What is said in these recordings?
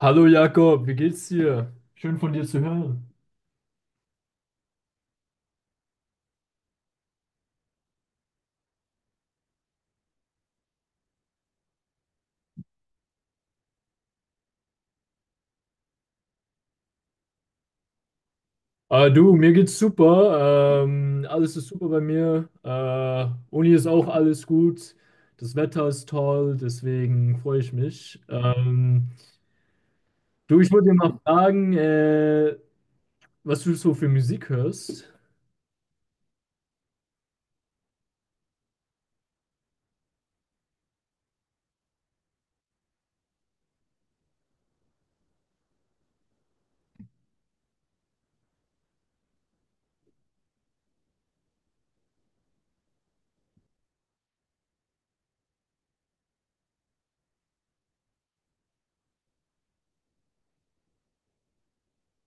Hallo Jakob, wie geht's dir? Schön von dir zu hören. Du, mir geht's super. Alles ist super bei mir. Uni ist auch alles gut. Das Wetter ist toll, deswegen freue ich mich. Du, ich wollte dir mal fragen, was du so für Musik hörst.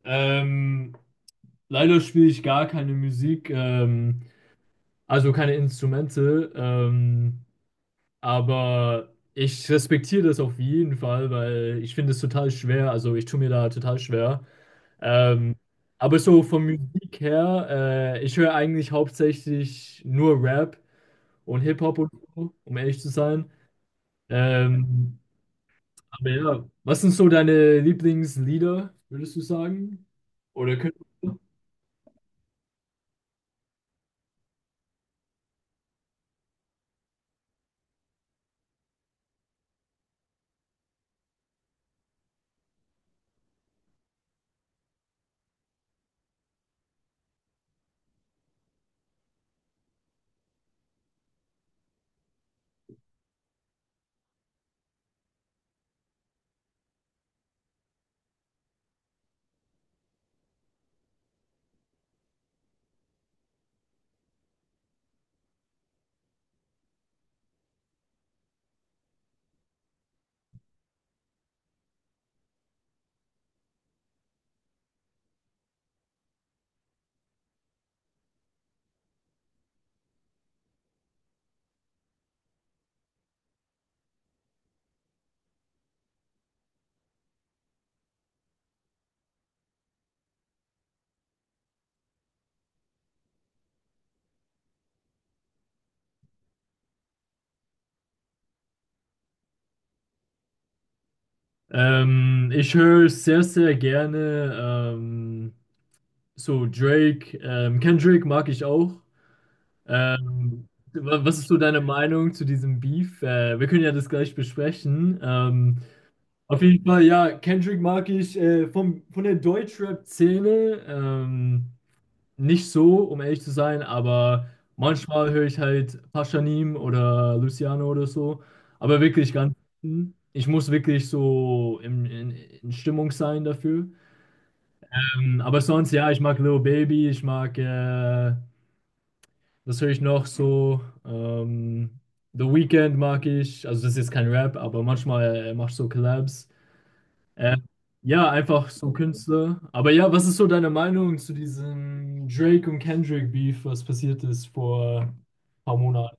Ähm, Leider spiele ich gar keine Musik, also keine Instrumente. Aber ich respektiere das auf jeden Fall, weil ich finde es total schwer. Also ich tue mir da total schwer. Ähm, aber so von Musik her, ich höre eigentlich hauptsächlich nur Rap und Hip-Hop und so, um ehrlich zu sein. Ähm, aber ja, was sind so deine Lieblingslieder, würdest du sagen? Oder könnt ich höre sehr, sehr gerne so Drake. Kendrick mag ich auch. Ähm, Was ist so deine Meinung zu diesem Beef? Wir können ja das gleich besprechen. Auf jeden Fall, ja, Kendrick mag ich von der Deutschrap-Szene nicht so, um ehrlich zu sein, aber manchmal höre ich halt Pashanim oder Luciano oder so. Aber wirklich ganz, ich muss wirklich so in Stimmung sein dafür. Aber sonst, ja, ich mag Lil Baby, ich mag das höre ich noch so. The Weeknd mag ich. Also das ist jetzt kein Rap, aber manchmal machst du so Collabs. Äh, ja, einfach so Künstler. Aber ja, was ist so deine Meinung zu diesem Drake und Kendrick Beef, was passiert ist vor ein paar Monaten?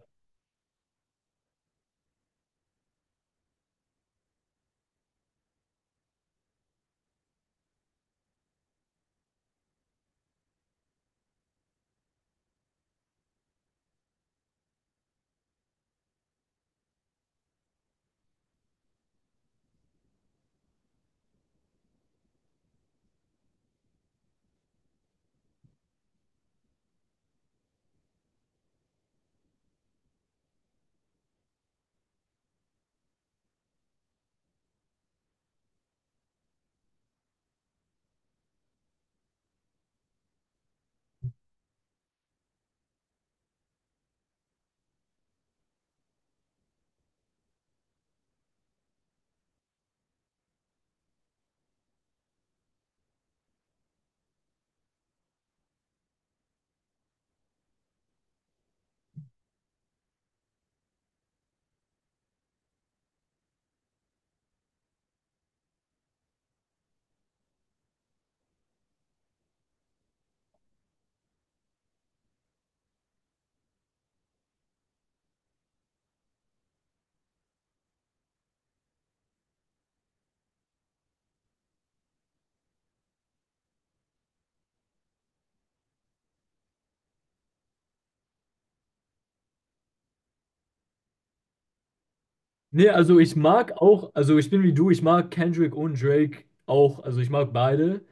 Nee, also ich mag auch, also ich bin wie du, ich mag Kendrick und Drake auch, also ich mag beide.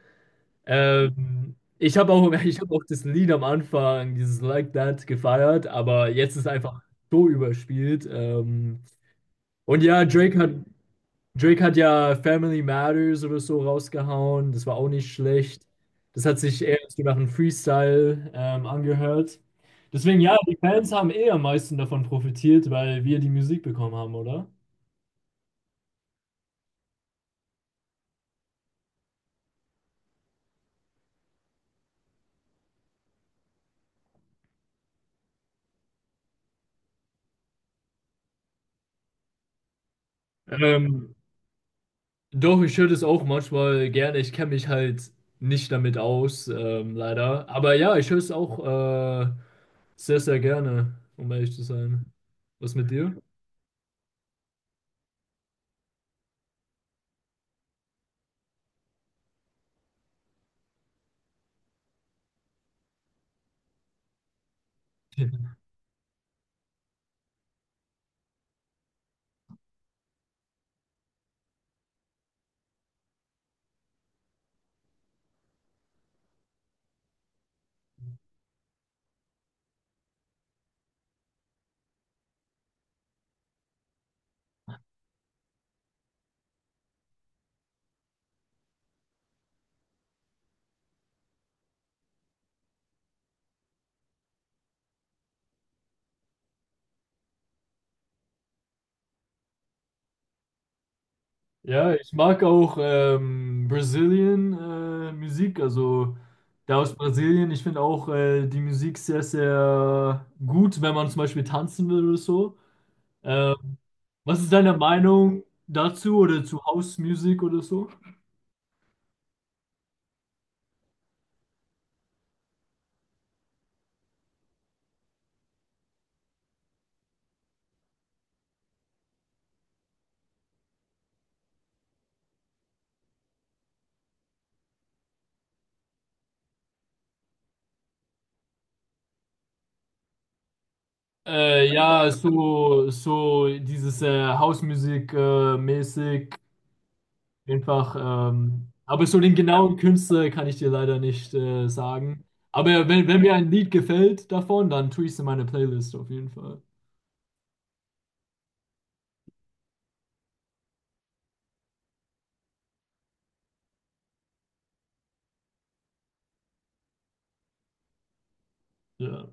Ich habe auch, ich habe auch das Lied am Anfang, dieses Like That, gefeiert, aber jetzt ist einfach so überspielt. Und ja, Drake hat ja Family Matters oder so rausgehauen. Das war auch nicht schlecht. Das hat sich eher so nach einem Freestyle angehört. Deswegen, ja, die Fans haben eh am meisten davon profitiert, weil wir die Musik bekommen haben, oder? Ähm, Doch, ich höre das auch manchmal gerne. Ich kenne mich halt nicht damit aus, leider. Aber ja, ich höre es auch äh, sehr, sehr gerne, um ehrlich zu sein. Was mit dir? Ja, ich mag auch Brazilian Musik, also der aus Brasilien. Ich finde auch die Musik sehr, sehr gut, wenn man zum Beispiel tanzen will oder so. Ähm, Was ist deine Meinung dazu oder zu House Music oder so? So dieses House Music mäßig einfach, aber so den genauen Künstler kann ich dir leider nicht sagen. Aber wenn mir ein Lied gefällt davon, dann tue ich es in meine Playlist auf jeden Fall. Ja.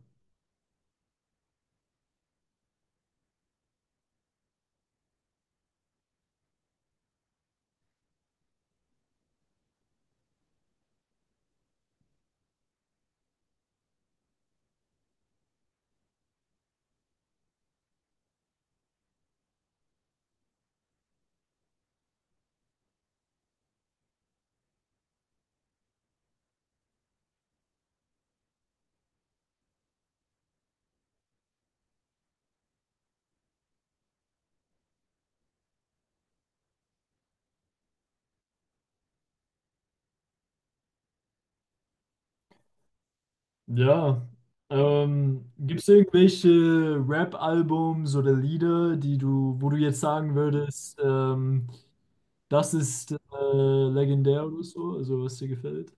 Ja. Gibt es irgendwelche Rap-Albums oder Lieder, die du, wo du jetzt sagen würdest, das ist legendär oder so, also was dir gefällt?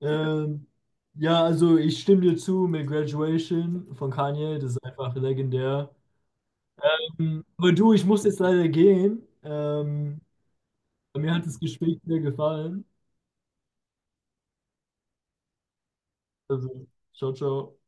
Ähm, ja, also ich stimme dir zu mit Graduation von Kanye, das ist einfach legendär. Hm, aber du, ich muss jetzt leider gehen. Mir hat das Gespräch sehr gefallen. Also, ciao, ciao.